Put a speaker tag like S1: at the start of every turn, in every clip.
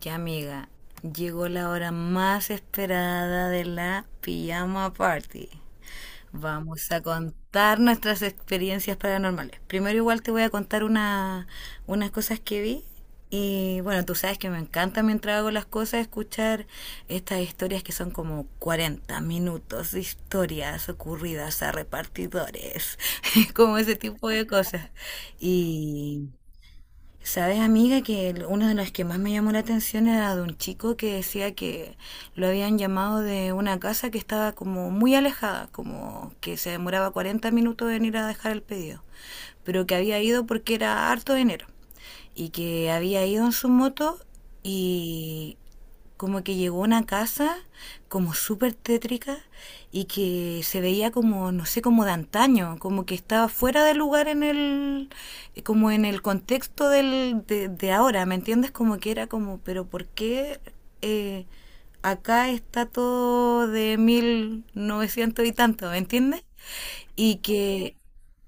S1: Ya amiga, llegó la hora más esperada de la pijama party. Vamos a contar nuestras experiencias paranormales. Primero igual te voy a contar una, unas cosas que vi. Y bueno, tú sabes que me encanta mientras hago las cosas escuchar estas historias que son como 40 minutos de historias ocurridas a repartidores, como ese tipo de cosas. Y Sabes, amiga, que uno de los que más me llamó la atención era de un chico que decía que lo habían llamado de una casa que estaba como muy alejada, como que se demoraba 40 minutos en ir a dejar el pedido, pero que había ido porque era harto de enero y que había ido en su moto y como que llegó a una casa como súper tétrica y que se veía como, no sé, como de antaño, como que estaba fuera de lugar en el, como en el contexto de ahora, ¿me entiendes? Como que era como, pero ¿por qué eh, acá está todo de 1900 y tanto, ¿me entiendes? Y que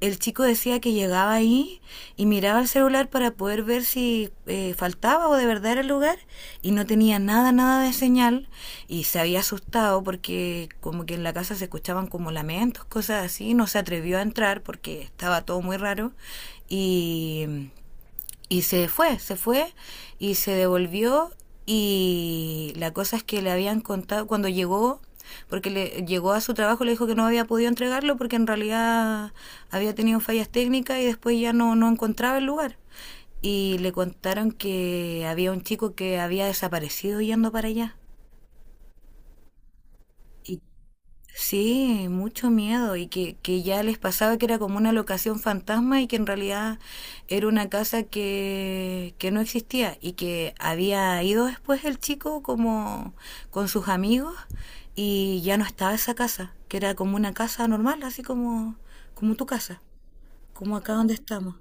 S1: el chico decía que llegaba ahí y miraba el celular para poder ver si faltaba o de verdad era el lugar y no tenía nada, nada de señal y se había asustado porque como que en la casa se escuchaban como lamentos, cosas así, no se atrevió a entrar porque estaba todo muy raro y y se fue y se devolvió. Y la cosa es que le habían contado cuando llegó, porque le llegó a su trabajo, le dijo que no había podido entregarlo porque en realidad había tenido fallas técnicas y después ya no, no encontraba el lugar. Y le contaron que había un chico que había desaparecido yendo para allá y sí, mucho miedo y que ya les pasaba que era como una locación fantasma y que en realidad era una casa que no existía y que había ido después el chico como con sus amigos y ya no estaba esa casa, que era como una casa normal, así como, como tu casa, como acá donde estamos.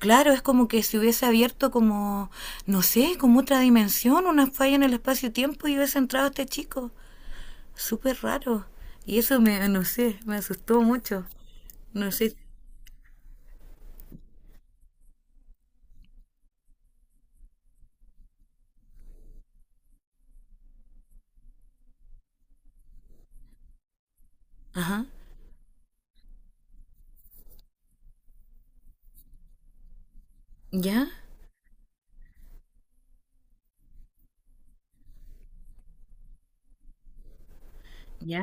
S1: Claro, es como que se hubiese abierto como, no sé, como otra dimensión, una falla en el espacio-tiempo y hubiese entrado este chico súper raro. Y eso me, no sé, me asustó mucho. No sé. Ajá. ¿Ya? ¿Ya?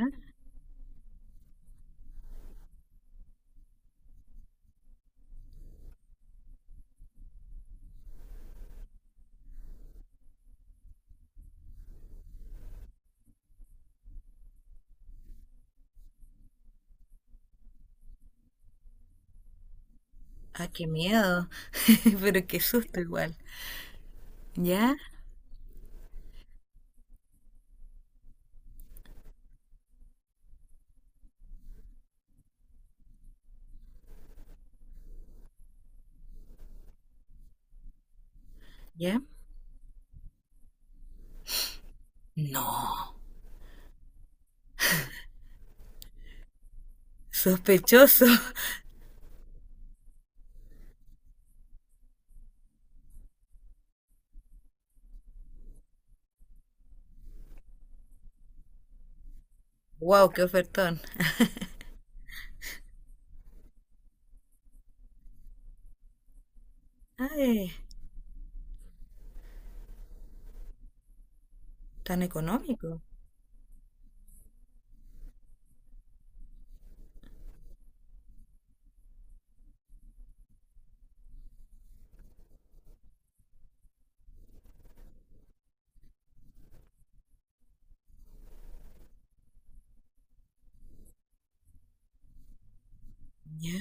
S1: Ah, qué miedo. Pero qué susto igual. ¿Ya? ¿Ya? No. Sospechoso. Wow, qué ofertón. Ay, tan económico. ¿Ya?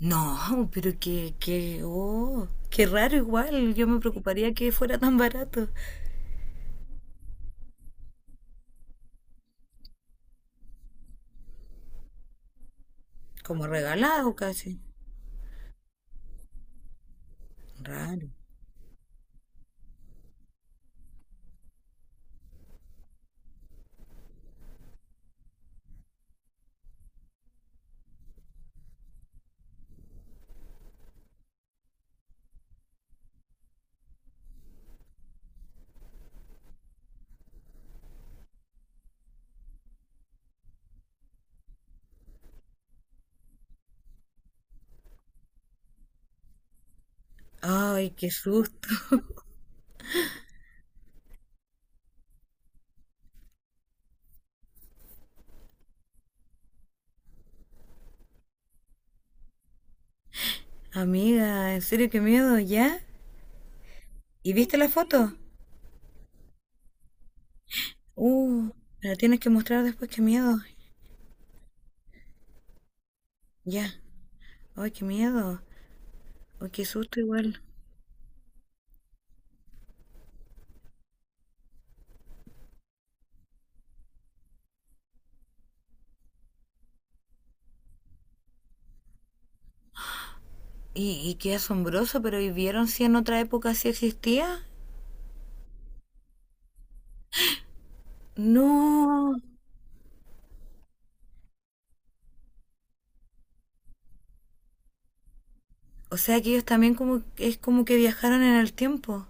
S1: No, pero qué, qué, oh, qué raro igual. Yo me preocuparía que fuera tan barato. Como regalado casi. Raro. Ay, qué susto. Amiga, en serio, qué miedo, ¿ya? ¿Y viste la foto? Uh, me la tienes que mostrar después, qué miedo. Ya. Ay, qué miedo. Ay, qué susto igual. Y qué asombroso, pero ¿y vieron si en otra época sí existía? No. O sea que ellos también como, es como que viajaron en el tiempo.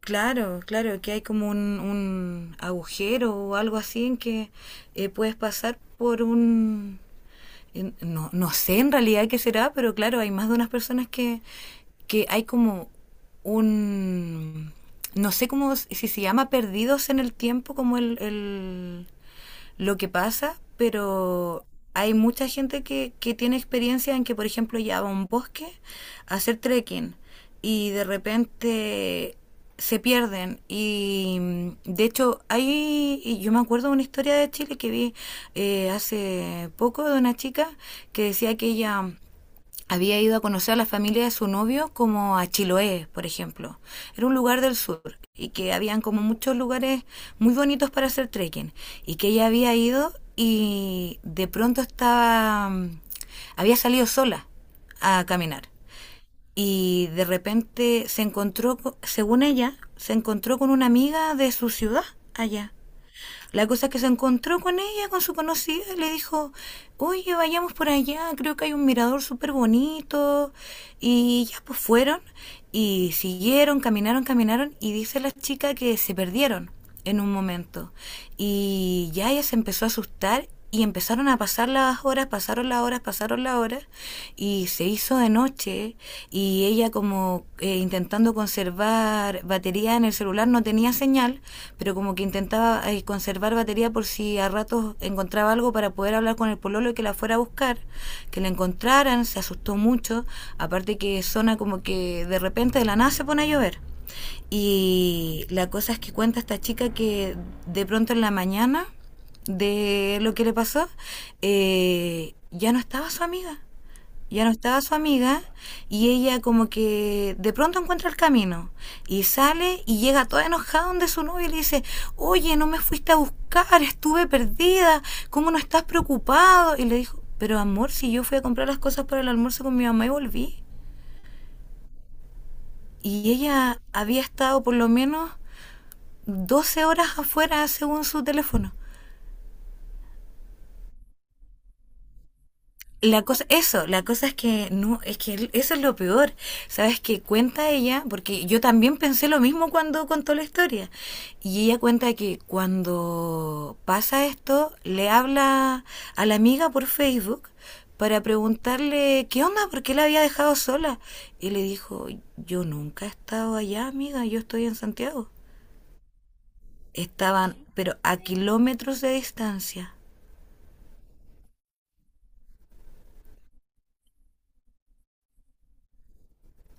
S1: Claro, claro, que hay como un agujero o algo así en que puedes pasar por un, no, no sé en realidad qué será, pero claro, hay más de unas personas que hay como un no sé cómo si se llama perdidos en el tiempo como el lo que pasa, pero hay mucha gente que tiene experiencia en que, por ejemplo, ya va a un bosque a hacer trekking y de repente se pierden y de hecho hay y yo me acuerdo de una historia de Chile que vi hace poco de una chica que decía que ella había ido a conocer a la familia de su novio como a Chiloé, por ejemplo. Era un lugar del sur y que habían como muchos lugares muy bonitos para hacer trekking y que ella había ido y de pronto estaba había salido sola a caminar y de repente se encontró, según ella, se encontró con una amiga de su ciudad allá. La cosa es que se encontró con ella, con su conocida, y le dijo, oye, vayamos por allá, creo que hay un mirador súper bonito. Y ya pues fueron y siguieron, caminaron, caminaron y dice la chica que se perdieron en un momento. Y ya ella se empezó a asustar y empezaron a pasar las horas, pasaron las horas, pasaron las horas, y se hizo de noche, y ella como intentando conservar batería en el celular, no tenía señal, pero como que intentaba conservar batería por si a ratos encontraba algo para poder hablar con el pololo y que la fuera a buscar, que la encontraran, se asustó mucho, aparte que zona como que de repente de la nada se pone a llover. Y la cosa es que cuenta esta chica que de pronto en la mañana de lo que le pasó, ya no estaba su amiga. Ya no estaba su amiga y ella como que de pronto encuentra el camino y sale y llega toda enojada donde su novio y le dice, oye, no me fuiste a buscar, estuve perdida, ¿cómo no estás preocupado? Y le dijo, pero amor, si yo fui a comprar las cosas para el almuerzo con mi mamá y volví. Y ella había estado por lo menos 12 horas afuera según su teléfono. La cosa, eso, la cosa es que no, es que eso es lo peor. Sabes que cuenta ella, porque yo también pensé lo mismo cuando contó la historia. Y ella cuenta que cuando pasa esto, le habla a la amiga por Facebook para preguntarle qué onda, por qué la había dejado sola. Y le dijo, yo nunca he estado allá, amiga, yo estoy en Santiago. Estaban, pero a kilómetros de distancia.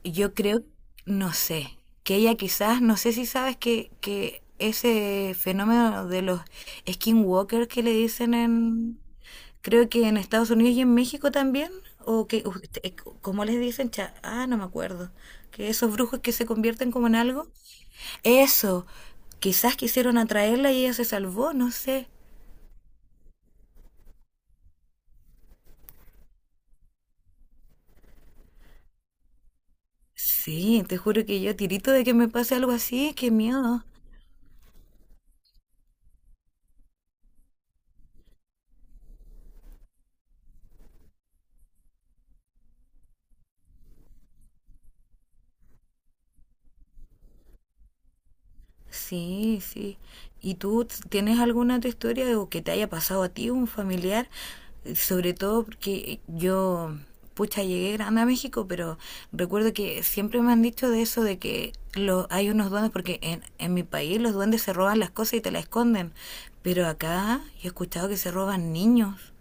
S1: Yo creo, no sé, que ella quizás, no sé si sabes que ese fenómeno de los skinwalkers que le dicen en, creo que en Estados Unidos y en México también, o que, ¿cómo les dicen? Ah, no me acuerdo. Que esos brujos que se convierten como en algo. Eso, quizás quisieron atraerla y ella se salvó, no sé. Sí, te juro que yo tirito de que me pase algo así, qué miedo. Sí, sí. ¿Y tú tienes alguna otra historia o que te haya pasado a ti, un familiar? Sobre todo porque yo, pucha, llegué grande a México, pero recuerdo que siempre me han dicho de eso, de que lo, hay unos duendes, porque en mi país los duendes se roban las cosas y te las esconden, pero acá yo he escuchado que se roban niños.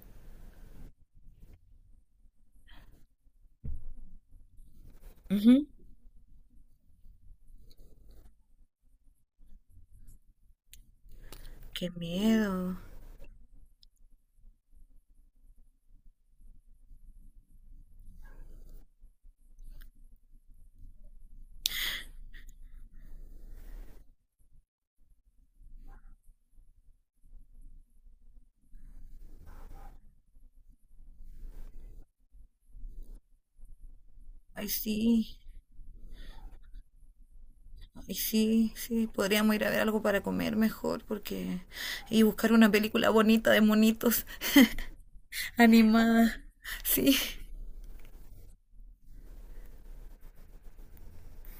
S1: Ujú. Qué miedo. Ay, sí. Y sí, sí, podríamos ir a ver algo para comer mejor, porque... Y buscar una película bonita de monitos animada. Sí.